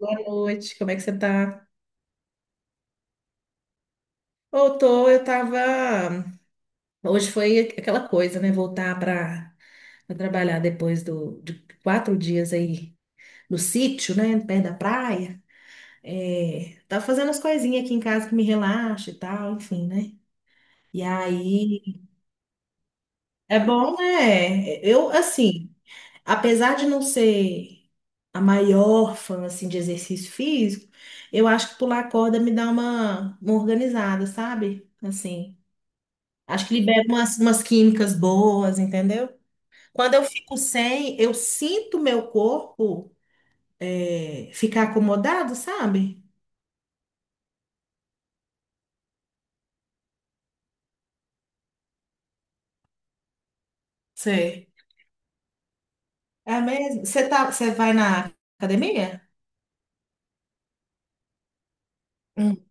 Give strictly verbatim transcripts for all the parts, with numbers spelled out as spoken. Boa noite, como é que você tá? Eu tô, eu tava. Hoje foi aquela coisa, né? Voltar pra pra trabalhar depois do, de quatro dias aí no sítio, né? Perto da praia. É, tava fazendo as coisinhas aqui em casa que me relaxa e tal, enfim, né? E aí, é bom, né? Eu, assim, apesar de não ser a maior fã, assim, de exercício físico, eu acho que pular corda me dá uma, uma organizada, sabe? Assim. Acho que libera umas, umas químicas boas, entendeu? Quando eu fico sem, eu sinto meu corpo é, ficar acomodado, sabe? Sei. É mesmo? Você tá, você vai na academia? Hum,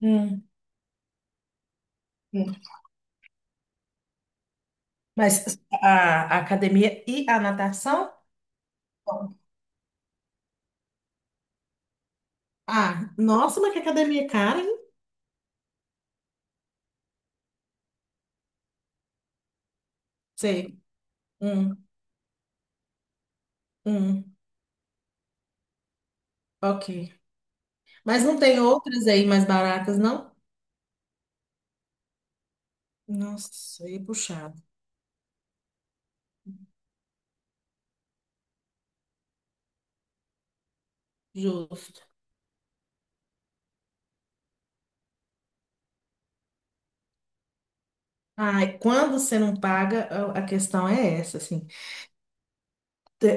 hum, hum. Mas a, a academia e a natação? Ah, nossa, mas que academia cara, hein? Sei. Hum, hum, ok. Mas não tem outras aí mais baratas, não? Nossa, aí é puxado. Justo. Ai, quando você não paga, a a questão é essa, assim.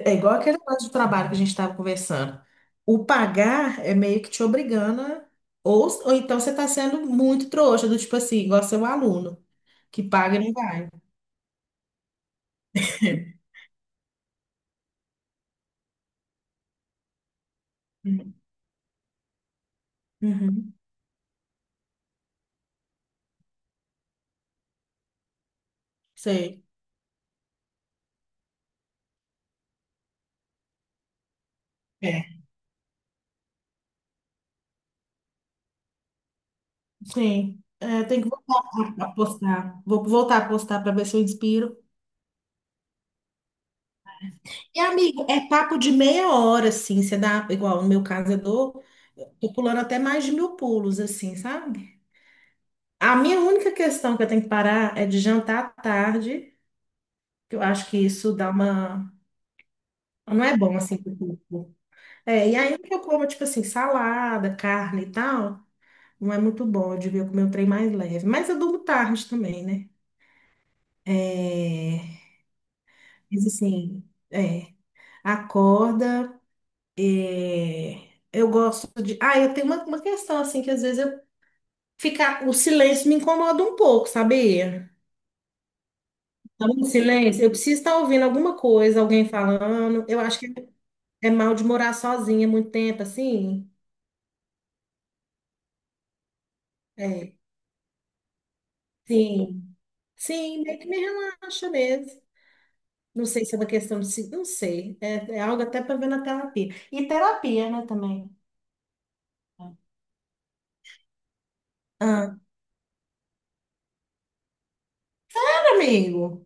É igual aquele negócio de trabalho que a gente estava conversando. O pagar é meio que te obrigando, a- ou, ou então você está sendo muito trouxa, do tipo assim, igual seu aluno, que paga e não vai. Hum. Uhum. Sei. É. Sim. É, tem que voltar a postar. Vou voltar a postar para ver se eu inspiro. E, amigo, é papo de meia hora, assim. Você dá, igual no meu caso, eu dou, tô pulando até mais de mil pulos, assim, sabe? A minha única questão que eu tenho que parar é de jantar à tarde, que eu acho que isso dá uma. Não é bom assim pro corpo. É, e ainda que eu como, tipo assim, salada, carne e tal, não é muito bom. Eu devia comer um trem mais leve. Mas eu durmo tarde também, né? É, mas assim, é, acorda. É, eu gosto de. Ah, eu tenho uma, uma questão assim, que às vezes eu ficar. O silêncio me incomoda um pouco, sabia? Tá em silêncio. Eu preciso estar ouvindo alguma coisa, alguém falando. Eu acho que é mal de morar sozinha muito tempo, assim. É, sim. Sim, meio que me relaxa mesmo. Não sei se é uma questão de... se- Não sei. É, é algo até para ver na terapia. E terapia, né, também. Ah, amigo,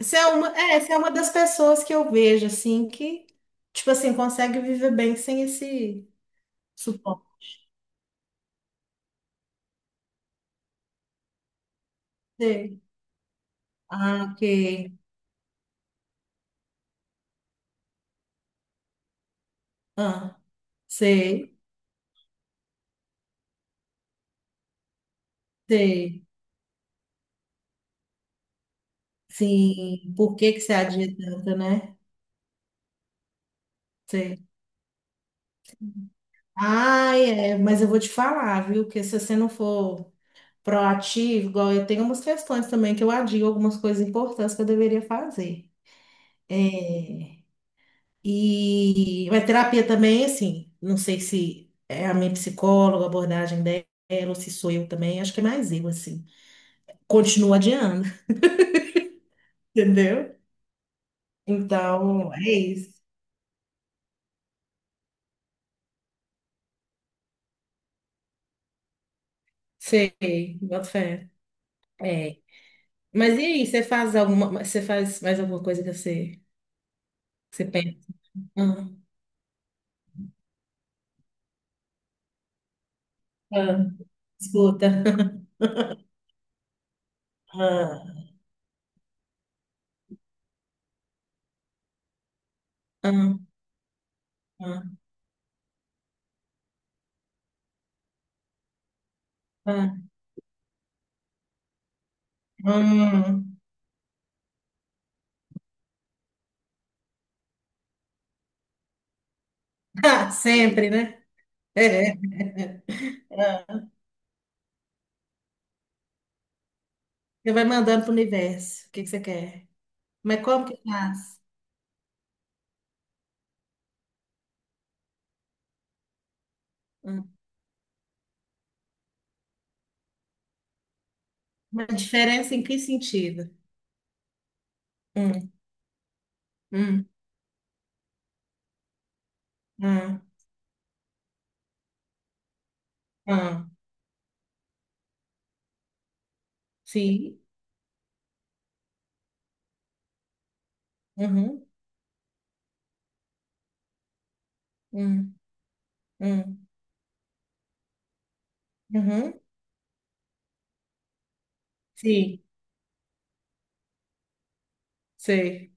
você é uma, é, você é uma das pessoas que eu vejo, assim, que, tipo assim, consegue viver bem sem esse suporte. Sei. Ah, ok. Ah, sei, sei. Sim, por que que você adia tanto, né? Sei. Ai, é, mas eu vou te falar, viu? Que se você não for proativo, igual eu tenho umas questões também que eu adio algumas coisas importantes que eu deveria fazer. É, e a terapia também, assim, não sei se é a minha psicóloga, a abordagem dela, ou se sou eu também, acho que é mais eu, assim. Continuo adiando, entendeu? Então, é isso. Sei, boto fé. É. Mas e aí, você faz alguma, você faz mais alguma coisa que você, você pensa? Ah, ah, escuta. Ah, ah, ah, ah, hum. Ah, sempre, né? É. Ah. Você vai mandando para o universo o que que você quer. Mas como que faz? Hum. Uma diferença em que sentido? Hum, hum, hum, hum. Sim. Uhum, hum, hum, uhum. Sim, sei.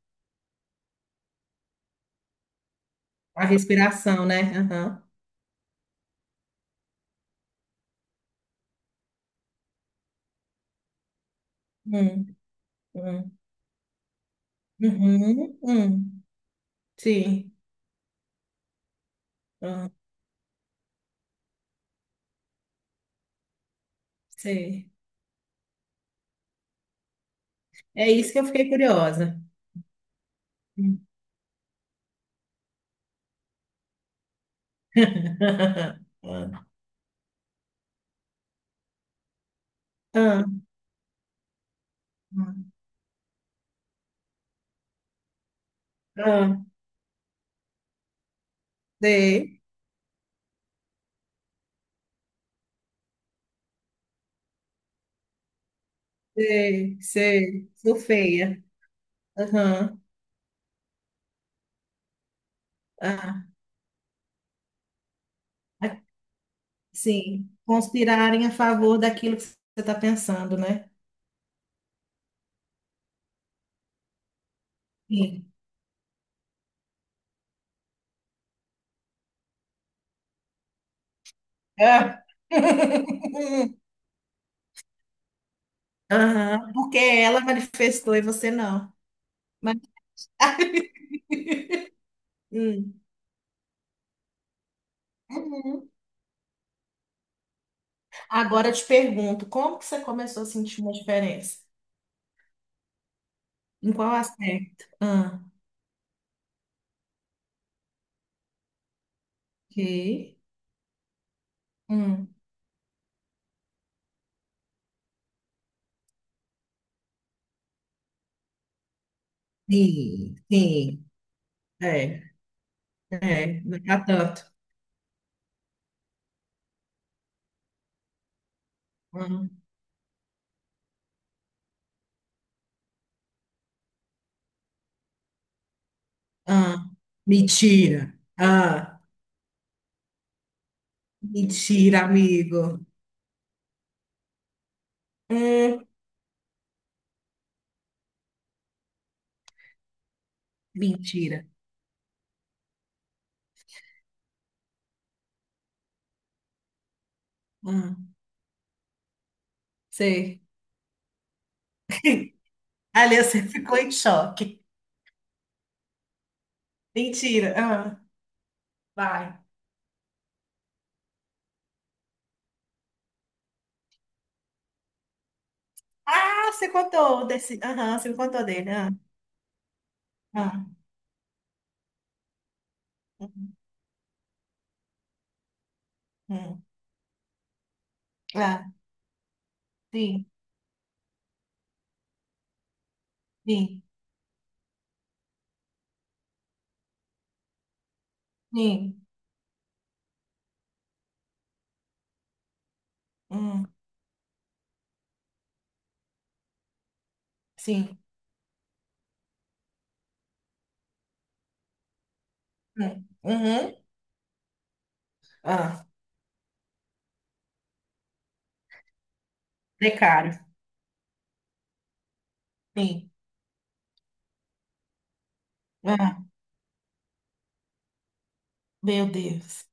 A respiração, né? Aham. Hum, hum. Uhum, hum, sim, ah, sei. É isso que eu fiquei curiosa. Hum. Ah, ah, ah, sei, sei, sei. Sou feia. Aham, ah, ah, sim. Conspirarem a favor daquilo que você está pensando, né? Sim. Ah. Aham, porque ela manifestou e você não. Mas, hum, uhum. Agora eu te pergunto, como que você começou a sentir uma diferença? Em qual aspecto? Ah, ok. Hum. Sim, sim. É, é, não tá tanto. Hum. Ah, mentira. Ah, mentira, amigo. Hum, mentira. Ah, sei. Ali você ficou em choque. Mentira. Ah, vai. Ah, você contou desse. Aham, você me contou dele. Ah, ah, hum. Hum. Ah, sim, sim, sim. Hum, sim. Hum. Uhum. Ah, precário. Sim. Ah, meu Deus.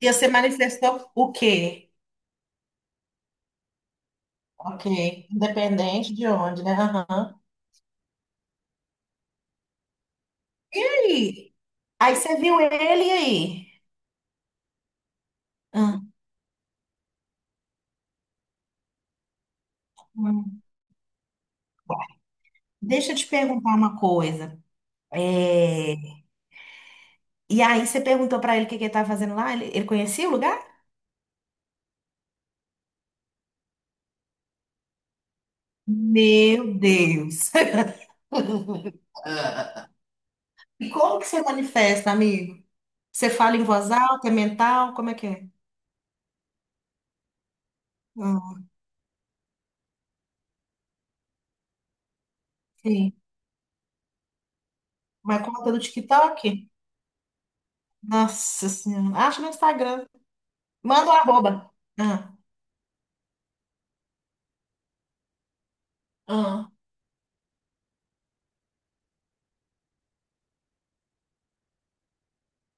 E você manifestou o quê? Ok. Independente de onde, né? Aham. E aí? Aí você viu ele e aí? Ah, hum. Deixa eu te perguntar uma coisa. É, e aí você perguntou pra ele o que que ele estava fazendo lá? Ele, ele conhecia o lugar? Meu Deus! Ah. E como que você manifesta, amigo? Você fala em voz alta, é mental? Como é que é? Ah, sim. Uma conta do TikTok? Nossa Senhora. Acho no Instagram. Manda o arroba. Ah, ah,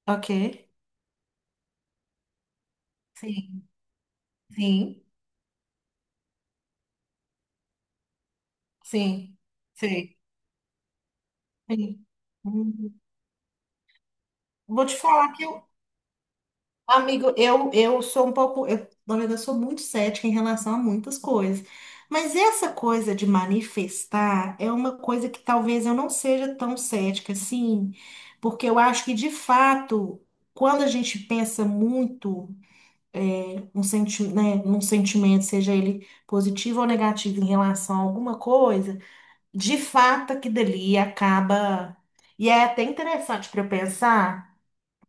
ok. Sim, sim, sim, sei, sim. Hum, vou te falar que eu, amigo, eu, eu sou um pouco, eu, na verdade, eu sou muito cética em relação a muitas coisas. Mas essa coisa de manifestar é uma coisa que talvez eu não seja tão cética assim, porque eu acho que de fato, quando a gente pensa muito um senti né, num sentimento, seja ele positivo ou negativo em relação a alguma coisa, de fato, aquilo ali acaba. E é até interessante para eu pensar,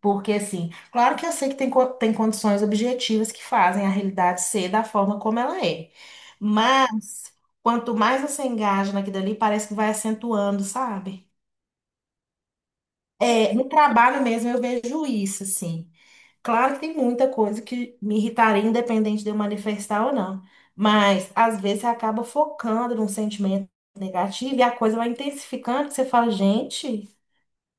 porque, assim, claro que eu sei que tem, co- tem condições objetivas que fazem a realidade ser da forma como ela é. Mas, quanto mais você engaja naquilo ali, parece que vai acentuando, sabe? É, no trabalho mesmo eu vejo isso, assim. Claro que tem muita coisa que me irritaria, independente de eu manifestar ou não. Mas, às vezes, você acaba focando num sentimento negativo e a coisa vai intensificando, que você fala, gente,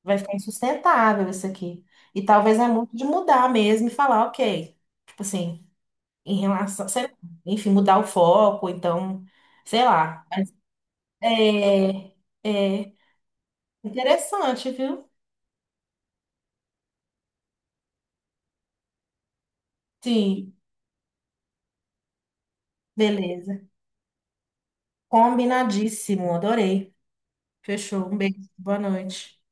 vai ficar insustentável isso aqui. E talvez é muito de mudar mesmo e falar, ok. Tipo assim, em relação, sei lá, enfim, mudar o foco, então, sei lá. Mas é, é interessante, viu? Sim, beleza. Combinadíssimo, adorei. Fechou. Um beijo, boa noite.